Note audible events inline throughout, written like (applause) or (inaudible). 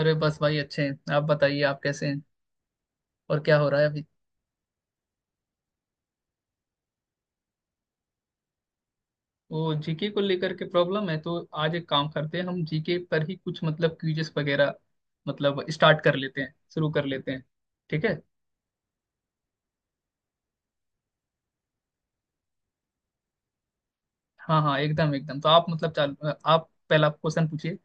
अरे बस भाई, अच्छे हैं। आप बताइए आप कैसे हैं। और क्या हो रहा है अभी। वो जीके को लेकर के प्रॉब्लम है तो आज एक काम करते हैं, हम जीके पर ही कुछ मतलब क्विजेस वगैरह मतलब स्टार्ट कर लेते हैं, शुरू कर लेते हैं। ठीक है। हाँ हाँ, एकदम एकदम, तो आप मतलब चालू, आप पहला क्वेश्चन पूछिए।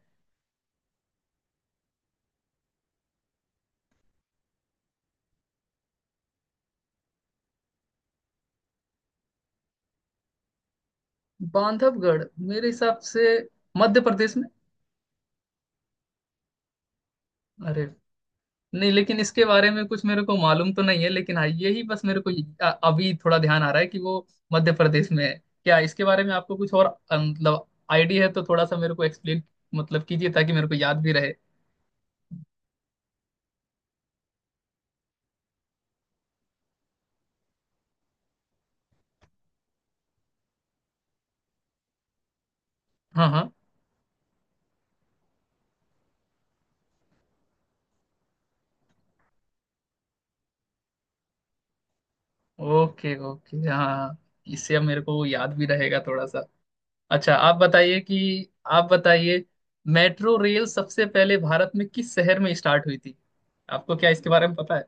बांधवगढ़ मेरे हिसाब से मध्य प्रदेश में। अरे। नहीं, लेकिन इसके बारे में कुछ मेरे को मालूम तो नहीं है, लेकिन हाँ यही बस मेरे को अभी थोड़ा ध्यान आ रहा है कि वो मध्य प्रदेश में है। क्या इसके बारे में आपको कुछ और मतलब आइडिया है तो थोड़ा सा मेरे को एक्सप्लेन मतलब कीजिए ताकि मेरे को याद भी रहे। हाँ हाँ, ओके ओके, हाँ हाँ। इससे अब मेरे को याद भी रहेगा थोड़ा सा। अच्छा, आप बताइए मेट्रो रेल सबसे पहले भारत में किस शहर में स्टार्ट हुई थी। आपको क्या इसके बारे में पता है।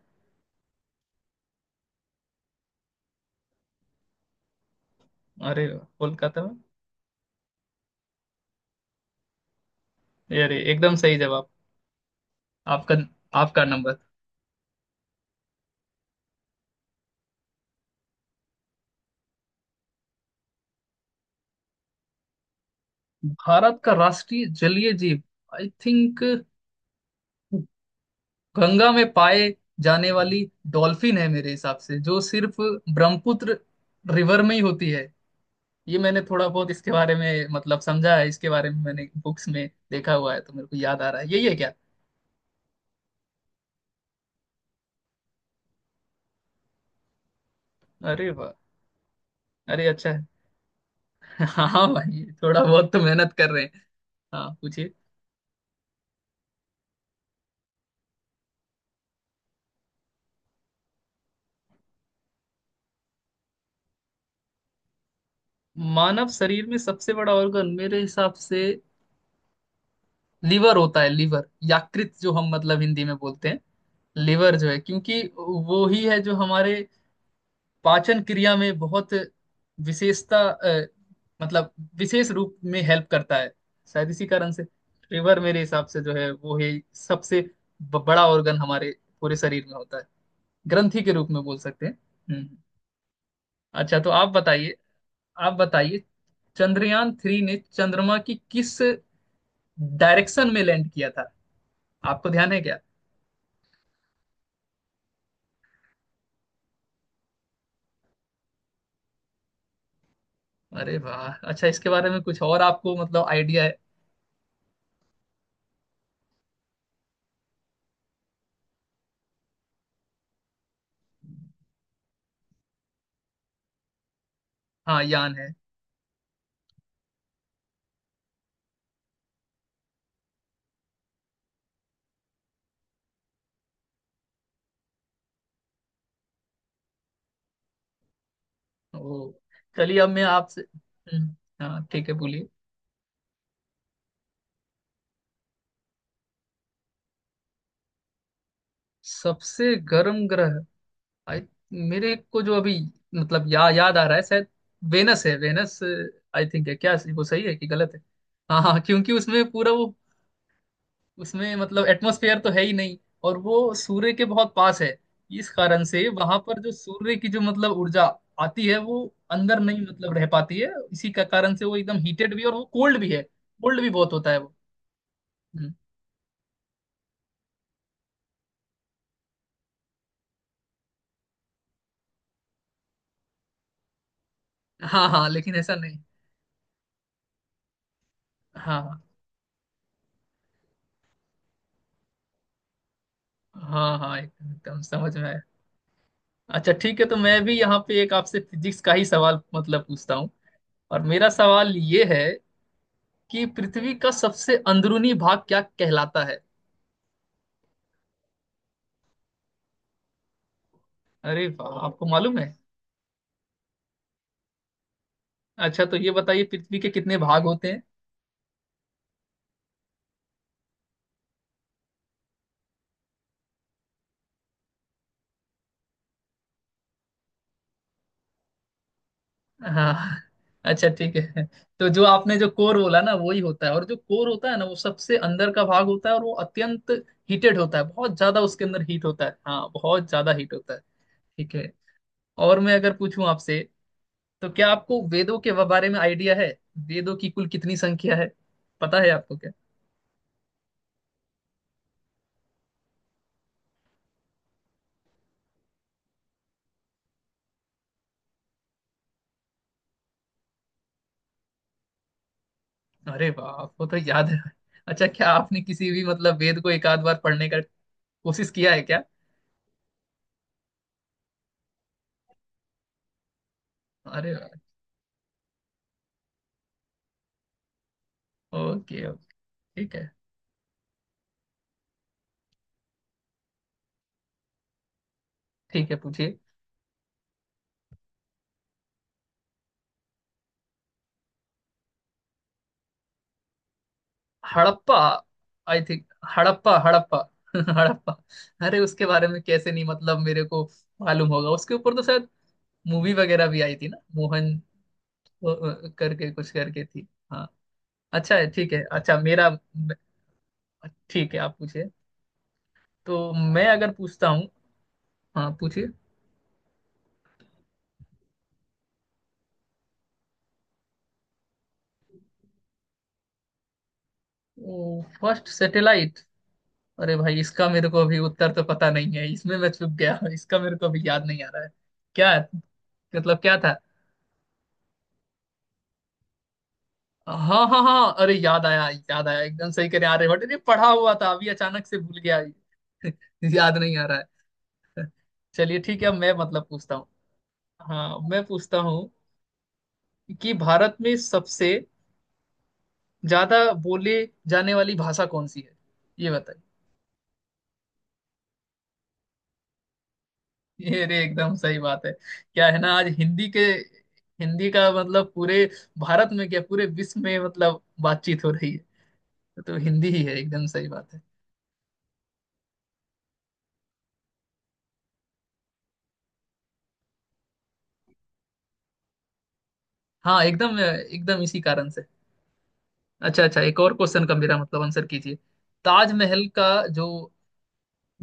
अरे वाह, कोलकाता में। अरे, एकदम सही जवाब। आपका आपका नंबर। भारत का राष्ट्रीय जलीय जीव, आई थिंक, गंगा में पाए जाने वाली डॉल्फिन है मेरे हिसाब से, जो सिर्फ ब्रह्मपुत्र रिवर में ही होती है। ये मैंने थोड़ा बहुत इसके बारे में मतलब समझा है, इसके बारे में मैंने बुक्स में देखा हुआ है, तो मेरे को याद आ रहा है। यही है क्या? अरे वाह। अरे, अच्छा है। (laughs) हाँ भाई, थोड़ा बहुत तो मेहनत कर रहे हैं। हाँ, पूछिए। मानव शरीर में सबसे बड़ा ऑर्गन मेरे हिसाब से लीवर होता है। लीवर, यकृत जो हम मतलब हिंदी में बोलते हैं। लिवर जो है, क्योंकि वो ही है जो हमारे पाचन क्रिया में बहुत विशेषता मतलब विशेष रूप में हेल्प करता है। शायद इसी कारण से लिवर मेरे हिसाब से जो है, वो ही सबसे बड़ा ऑर्गन हमारे पूरे शरीर में होता है, ग्रंथि के रूप में बोल सकते हैं। हम्म हम्म। अच्छा तो आप बताइए, आप बताइए चंद्रयान 3 ने चंद्रमा की किस डायरेक्शन में लैंड किया था। आपको ध्यान है क्या? अरे वाह, अच्छा। इसके बारे में कुछ और आपको मतलब आइडिया है? हाँ, यान है। ओ। चलिए अब मैं आपसे। हम्म, हाँ ठीक है बोलिए। सबसे गर्म ग्रह। आई मेरे को जो अभी मतलब याद आ रहा है, शायद वेनस है, वेनस आई थिंक। है क्या? वो सही है कि गलत है? हाँ हाँ, क्योंकि उसमें पूरा वो, उसमें मतलब एटमॉस्फेयर तो है ही नहीं, और वो सूर्य के बहुत पास है। इस कारण से वहां पर जो सूर्य की जो मतलब ऊर्जा आती है वो अंदर नहीं मतलब रह पाती है। इसी का कारण से वो एकदम हीटेड भी है, और वो कोल्ड भी है, कोल्ड भी बहुत होता है वो। हम्म। हाँ हाँ, लेकिन ऐसा नहीं। हाँ हाँ हाँ, एकदम एकदम समझ में आया। अच्छा ठीक है, तो मैं भी यहाँ पे एक आपसे फिजिक्स का ही सवाल मतलब पूछता हूँ। और मेरा सवाल ये है कि पृथ्वी का सबसे अंदरूनी भाग क्या कहलाता है? अरे वाह, आपको मालूम है। अच्छा तो ये बताइए पृथ्वी के कितने भाग होते हैं? हाँ, अच्छा ठीक है, तो जो आपने जो कोर बोला ना, वही होता है। और जो कोर होता है ना, वो सबसे अंदर का भाग होता है। और वो अत्यंत हीटेड होता है, बहुत ज्यादा उसके अंदर हीट होता है। हाँ, बहुत ज्यादा हीट होता है। ठीक है। और मैं अगर पूछूं आपसे तो क्या आपको वेदों के बारे में आइडिया है? वेदों की कुल कितनी संख्या है? पता है आपको क्या? अरे वाह, आपको तो याद है। अच्छा, क्या आपने किसी भी मतलब वेद को एक आध बार पढ़ने का कोशिश किया है क्या? अरे वाह, ओके ओके। ठीक है ठीक है, पूछिए। Harappa I think, Harappa Harappa, (laughs) Harappa. अरे, उसके बारे में कैसे नहीं मतलब मेरे को मालूम होगा? उसके ऊपर तो शायद मूवी वगैरह भी आई थी ना, मोहन करके कुछ करके थी। हाँ, अच्छा है, ठीक है। अच्छा, मेरा ठीक है, आप पूछिए। तो मैं अगर पूछता हूँ। हाँ, पूछिए। फर्स्ट सैटेलाइट, अरे भाई इसका मेरे को अभी उत्तर तो पता नहीं है। इसमें मैं चूक गया, इसका मेरे को अभी याद नहीं आ रहा है। क्या है? मतलब क्या था? हाँ हाँ हाँ, अरे याद आया, याद आया, एकदम सही कह। अरे बट, अरे पढ़ा हुआ था अभी, अचानक से भूल गया (laughs) याद नहीं आ रहा है। चलिए ठीक है, अब मैं मतलब पूछता हूँ, हाँ मैं पूछता हूँ कि भारत में सबसे ज्यादा बोले जाने वाली भाषा कौन सी है। ये बताइए। ये रे, एकदम सही बात है। क्या है ना, आज हिंदी के, हिंदी का मतलब पूरे भारत में क्या, पूरे विश्व में मतलब बातचीत हो रही है, तो हिंदी ही है। एकदम सही बात है। हाँ, एकदम एकदम, इसी कारण से। अच्छा अच्छा, एक और क्वेश्चन का मेरा मतलब आंसर कीजिए। ताजमहल का जो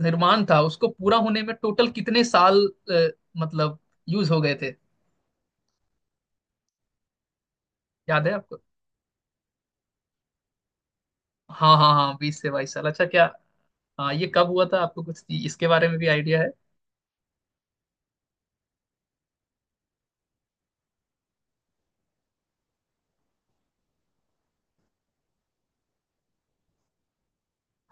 निर्माण था, उसको पूरा होने में टोटल कितने साल अ, मतलब यूज हो गए थे? याद है आपको? हाँ हाँ हाँ, 20 से 22 साल, अच्छा क्या? हाँ, ये कब हुआ था? आपको कुछ इसके बारे में भी आइडिया है?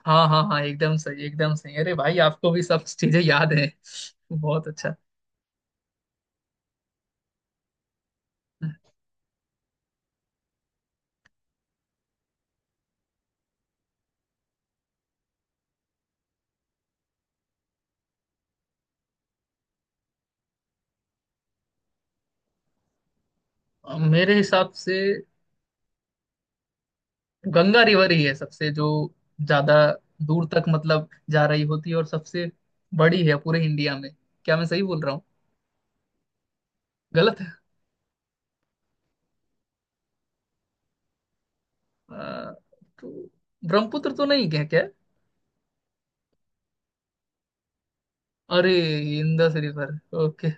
हाँ हाँ हाँ, एकदम सही एकदम सही, अरे भाई आपको भी सब चीजें याद है, बहुत अच्छा। मेरे हिसाब से गंगा रिवर ही है सबसे जो ज्यादा दूर तक मतलब जा रही होती है, और सबसे बड़ी है पूरे इंडिया में। क्या मैं सही बोल रहा हूँ? गलत है? अ, तो ब्रह्मपुत्र तो नहीं, क्या क्या? अरे, Indus river, okay.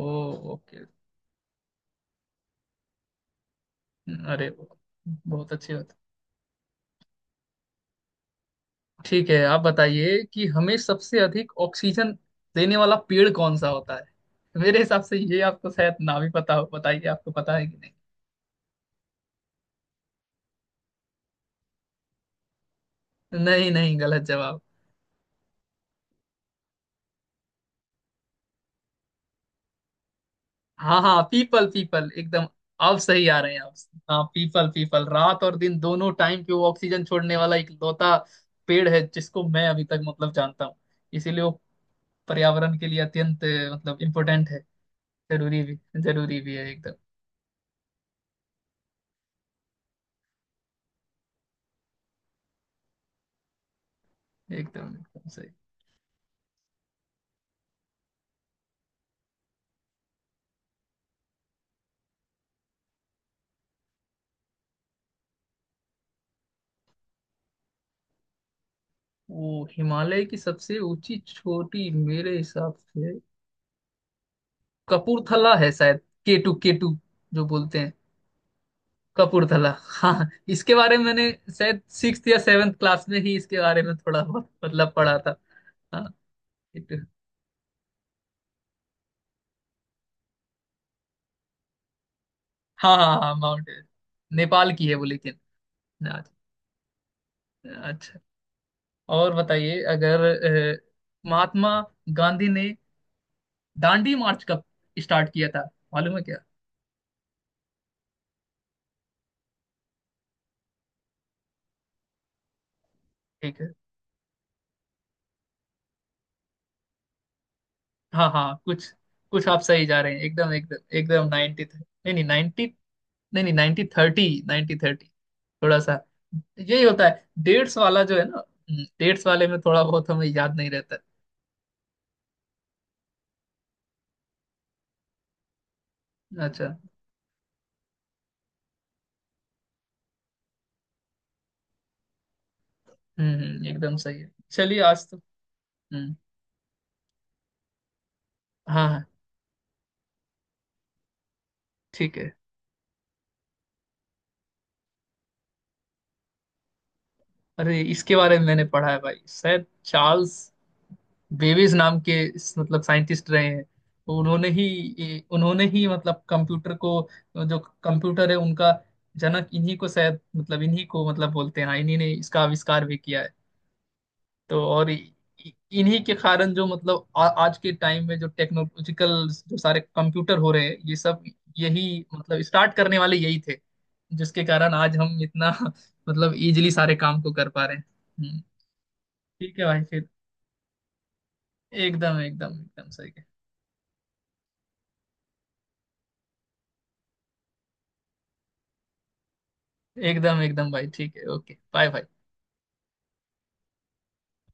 Oh, okay. अरे, बहुत अच्छी बात। ठीक है, आप बताइए कि हमें सबसे अधिक ऑक्सीजन देने वाला पेड़ कौन सा होता है? मेरे हिसाब से ये आपको शायद ना भी पता हो, बताइए आपको पता है कि नहीं? नहीं नहीं, गलत जवाब। हाँ हाँ, पीपल पीपल एकदम, आप सही आ रहे हैं आप। हाँ पीपल, पीपल रात और दिन दोनों टाइम पे वो ऑक्सीजन छोड़ने वाला इकलौता पेड़ है जिसको मैं अभी तक मतलब जानता हूँ। इसीलिए वो पर्यावरण के लिए अत्यंत मतलब इम्पोर्टेंट है। जरूरी भी, जरूरी भी है, एकदम एकदम एकदम सही। वो हिमालय की सबसे ऊंची चोटी मेरे हिसाब से कपूरथला है शायद, K2 केटू जो बोलते हैं। कपूरथला, हाँ इसके बारे में मैंने शायद सिक्स या सेवेंथ क्लास में ही इसके बारे में थोड़ा बहुत मतलब पढ़ा था। हाँ, K2। हाँ हाँ हाँ, माउंट एवरेस्ट। नेपाल की है वो लेकिन। अच्छा अच्छा। और बताइए अगर महात्मा गांधी ने दांडी मार्च कब स्टार्ट किया था? मालूम है क्या? ठीक है, हाँ हाँ कुछ, कुछ आप सही जा रहे हैं, एकदम एकदम एकदम नाइनटी, नहीं नहीं, नाइनटी। नहीं नहीं, 1930, 1930 थोड़ा सा, यही होता है डेट्स वाला जो है ना। डेट्स वाले में थोड़ा बहुत हमें याद नहीं रहता। है। अच्छा, एकदम सही है, चलिए आज तो। हम्म, हाँ हाँ ठीक है। अरे, इसके बारे में मैंने पढ़ा है भाई, शायद चार्ल्स बेबेज नाम के मतलब साइंटिस्ट रहे हैं, तो उन्होंने ही उन्होंने ही मतलब कंप्यूटर को, जो कंप्यूटर है उनका जनक इन्हीं को शायद, मतलब इन्हीं को मतलब बोलते हैं। हाँ, इन्हीं ने इसका आविष्कार भी किया है। तो और इ- इन्हीं के कारण जो मतलब आज के टाइम में जो टेक्नोलॉजिकल जो सारे कंप्यूटर हो रहे हैं ये सब, यही मतलब स्टार्ट करने वाले यही थे, जिसके कारण आज हम इतना (laughs) मतलब इजीली सारे काम को कर पा रहे हैं। हम्म, ठीक है भाई फिर, एकदम एकदम एकदम सही। एकदम एकदम भाई, ठीक है, ओके, बाय बाय।